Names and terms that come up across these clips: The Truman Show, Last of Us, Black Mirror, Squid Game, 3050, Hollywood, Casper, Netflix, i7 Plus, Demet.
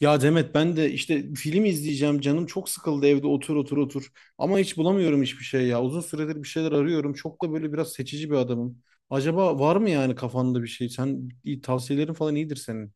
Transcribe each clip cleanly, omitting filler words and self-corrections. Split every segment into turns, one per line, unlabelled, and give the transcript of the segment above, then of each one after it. Ya Demet, ben de işte film izleyeceğim, canım çok sıkıldı evde. Otur otur otur, ama hiç bulamıyorum hiçbir şey ya. Uzun süredir bir şeyler arıyorum. Çok da böyle biraz seçici bir adamım. Acaba var mı yani kafanda bir şey? Tavsiyelerin falan iyidir senin.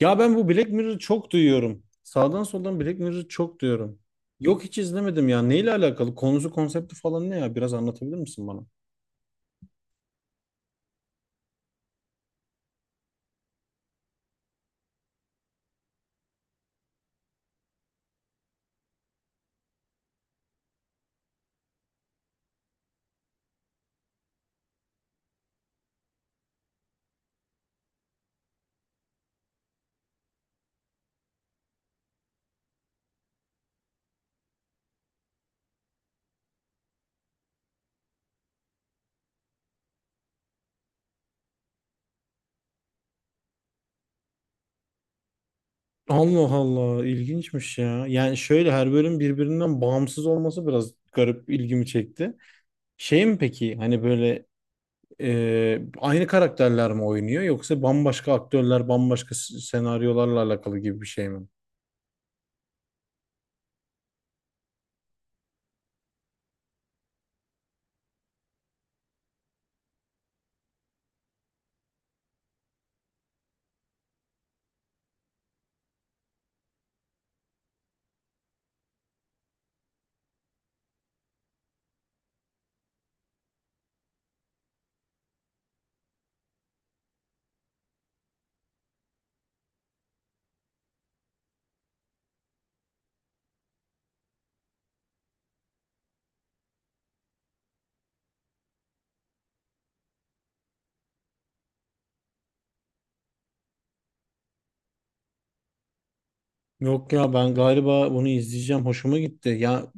Ya ben bu Black Mirror'ı çok duyuyorum. Sağdan soldan Black Mirror'ı çok duyuyorum. Yok, hiç izlemedim ya. Neyle alakalı? Konusu, konsepti falan ne ya? Biraz anlatabilir misin bana? Allah Allah, ilginçmiş ya. Yani şöyle, her bölüm birbirinden bağımsız olması biraz garip, ilgimi çekti. Şey mi peki, hani böyle, aynı karakterler mi oynuyor, yoksa bambaşka aktörler, bambaşka senaryolarla alakalı gibi bir şey mi? Yok ya, ben galiba bunu izleyeceğim, hoşuma gitti. Ya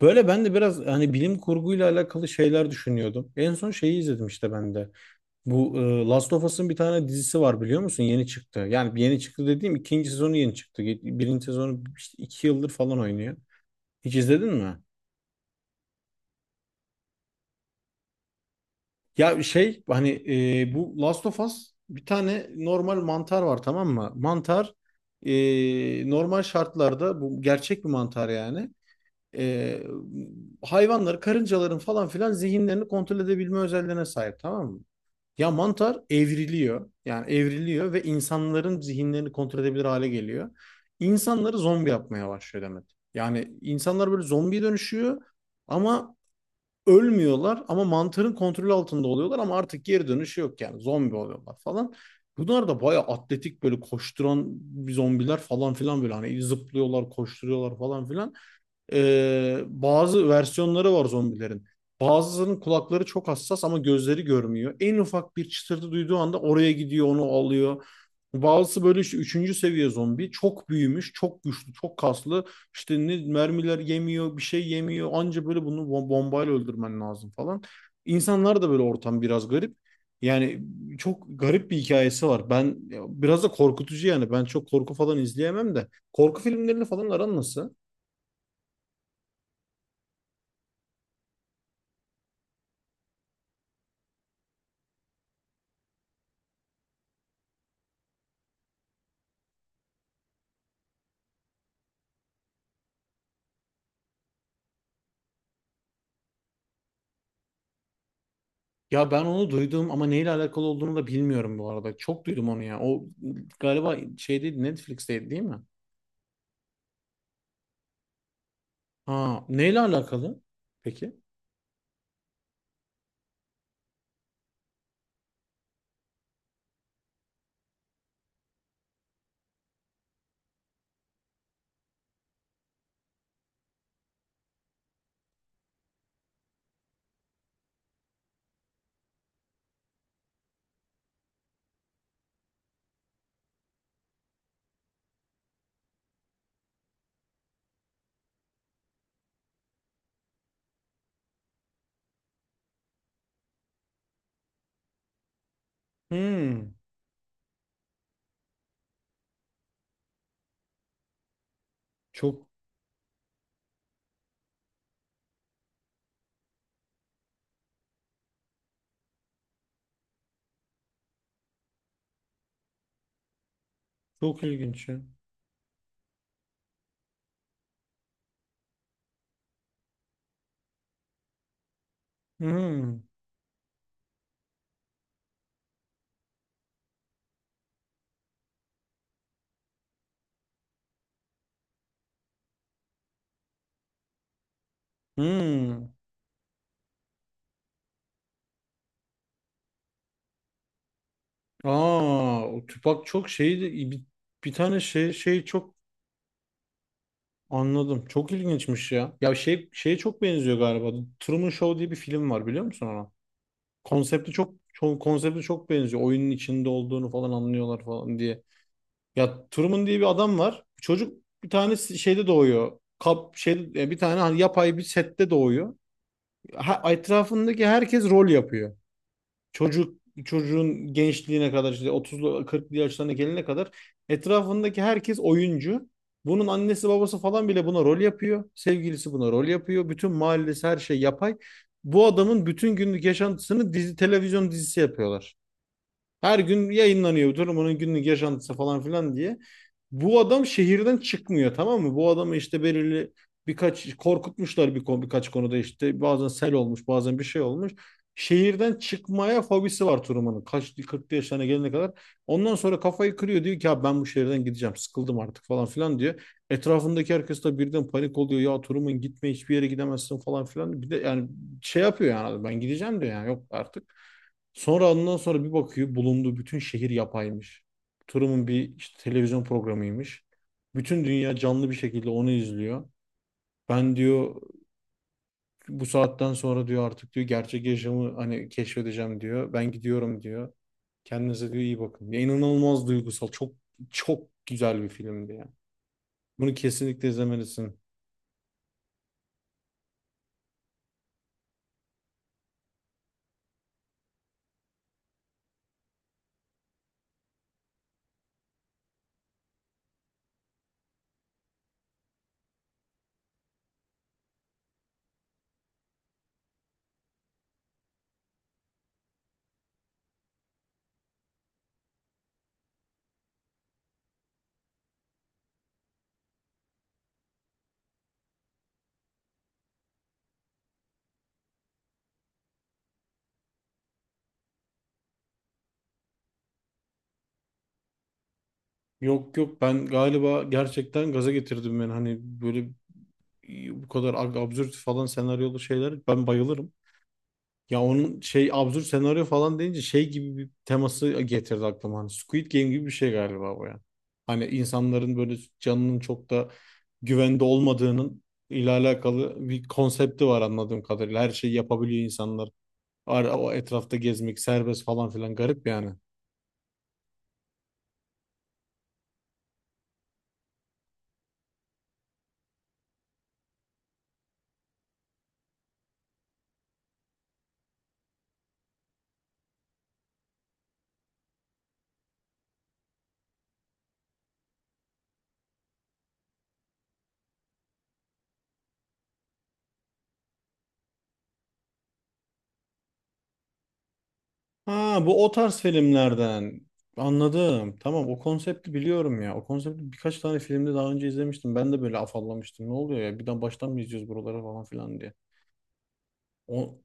böyle, ben de biraz hani bilim kurguyla alakalı şeyler düşünüyordum. En son şeyi izledim işte ben de. Bu, Last of Us'ın bir tane dizisi var, biliyor musun? Yeni çıktı. Yani yeni çıktı dediğim, ikinci sezonu yeni çıktı. Birinci sezonu işte iki yıldır falan oynuyor. Hiç izledin mi? Ya şey, hani, bu Last of Us, bir tane normal mantar var, tamam mı? Mantar, normal şartlarda bu gerçek bir mantar yani. E, Hayvanları, karıncaların falan filan zihinlerini kontrol edebilme özelliğine sahip, tamam mı? Ya mantar evriliyor. Yani evriliyor ve insanların zihinlerini kontrol edebilir hale geliyor. İnsanları zombi yapmaya başlıyor demek. Yani insanlar böyle zombiye dönüşüyor, ama ölmüyorlar, ama mantarın kontrolü altında oluyorlar, ama artık geri dönüşü yok, yani zombi oluyorlar falan. Bunlar da bayağı atletik, böyle koşturan zombiler falan filan, böyle hani zıplıyorlar, koşturuyorlar falan filan. Bazı versiyonları var zombilerin. Bazılarının kulakları çok hassas, ama gözleri görmüyor. En ufak bir çıtırtı duyduğu anda oraya gidiyor, onu alıyor. Bazısı böyle işte üçüncü seviye zombi. Çok büyümüş, çok güçlü, çok kaslı. İşte ne mermiler yemiyor, bir şey yemiyor. Anca böyle bunu bombayla öldürmen lazım falan. İnsanlar da böyle, ortam biraz garip. Yani çok garip bir hikayesi var. Ben, biraz da korkutucu yani. Ben çok korku falan izleyemem de. Korku filmlerini falan aran nasıl? Ya ben onu duydum, ama neyle alakalı olduğunu da bilmiyorum bu arada. Çok duydum onu ya. O galiba şeydeydi, Netflix'teydi değil mi? Ha, neyle alakalı? Peki. Hmm, çok çok ilginç ya. Hmm, hmm. Aa, o Tupac çok şeydi. Bir, bir tane şey şey çok anladım. Çok ilginçmiş ya. Ya şey, şeye çok benziyor galiba. The Truman Show diye bir film var, biliyor musun onu? Konsepti çok çok, konsepti çok benziyor. Oyunun içinde olduğunu falan anlıyorlar falan diye. Ya Truman diye bir adam var. Bir tane şeyde doğuyor. Kap şey bir tane hani yapay bir sette doğuyor. Ha, etrafındaki herkes rol yapıyor. Çocuğun gençliğine kadar, işte 30'lu 40'lı yaşlarına gelene kadar, etrafındaki herkes oyuncu. Bunun annesi babası falan bile buna rol yapıyor. Sevgilisi buna rol yapıyor. Bütün mahallesi, her şey yapay. Bu adamın bütün günlük yaşantısını dizi, televizyon dizisi yapıyorlar. Her gün yayınlanıyor durumunun günlük yaşantısı falan filan diye. Bu adam şehirden çıkmıyor, tamam mı? Bu adamı işte belirli birkaç korkutmuşlar, bir konu, birkaç konuda işte bazen sel olmuş, bazen bir şey olmuş. Şehirden çıkmaya fobisi var Truman'ın. 40 yaşlarına gelene kadar. Ondan sonra kafayı kırıyor, diyor ki ya ben bu şehirden gideceğim. Sıkıldım artık falan filan diyor. Etrafındaki herkes de birden panik oluyor. Ya Truman gitme, hiçbir yere gidemezsin falan filan. Bir de yani şey yapıyor, yani ben gideceğim diyor, yani yok artık. Ondan sonra bir bakıyor, bulunduğu bütün şehir yapaymış. Truman bir işte televizyon programıymış. Bütün dünya canlı bir şekilde onu izliyor. Ben diyor, bu saatten sonra diyor, artık diyor, gerçek yaşamı hani keşfedeceğim diyor. Ben gidiyorum diyor. Kendinize diyor iyi bakın. Ya inanılmaz duygusal. Çok çok güzel bir filmdi ya. Bunu kesinlikle izlemelisin. Yok yok, ben galiba gerçekten gaza getirdim, ben hani böyle bu kadar absürt falan senaryolu şeyler ben bayılırım. Ya onun şey, absürt senaryo falan deyince şey gibi bir teması getirdi aklıma. Hani Squid Game gibi bir şey galiba bu yani. Hani insanların böyle canının çok da güvende olmadığının ile alakalı bir konsepti var anladığım kadarıyla. Her şeyi yapabiliyor insanlar. Ara, o etrafta gezmek serbest falan filan, garip yani. Ha, bu o tarz filmlerden. Anladım. Tamam, o konsepti biliyorum ya. O konsepti birkaç tane filmde daha önce izlemiştim. Ben de böyle afallamıştım. Ne oluyor ya? Birden baştan mı izliyoruz buraları falan filan diye. O,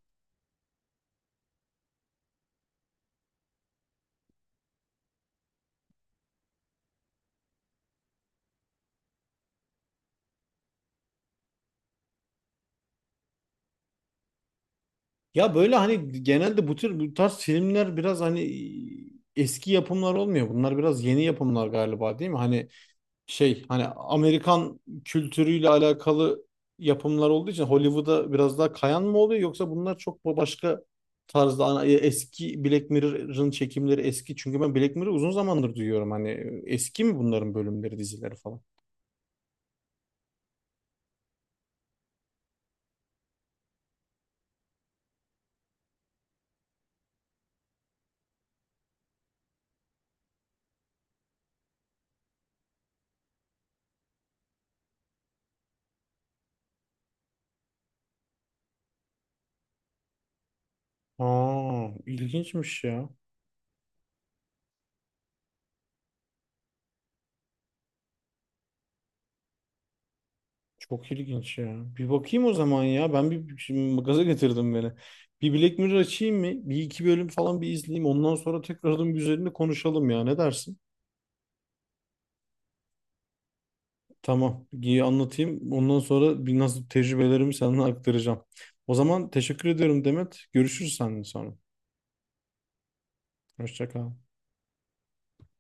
ya böyle hani genelde bu tarz filmler biraz hani eski yapımlar olmuyor. Bunlar biraz yeni yapımlar galiba, değil mi? Hani şey, hani Amerikan kültürüyle alakalı yapımlar olduğu için Hollywood'a biraz daha kayan mı oluyor, yoksa bunlar çok başka tarzda eski Black Mirror'ın çekimleri eski, çünkü ben Black Mirror'ı uzun zamandır duyuyorum, hani eski mi bunların bölümleri, dizileri falan? Aa, ilginçmiş ya. Çok ilginç ya. Bir bakayım o zaman ya. Ben bir, şimdi gaza getirdim beni. Bir Black Mirror açayım mı? Bir iki bölüm falan bir izleyeyim. Ondan sonra tekrardan bir üzerinde konuşalım ya. Ne dersin? Tamam. İyi, anlatayım. Ondan sonra bir nasıl, tecrübelerimi sana aktaracağım. O zaman teşekkür ediyorum Demet. Görüşürüz seninle sonra. Hoşça kal.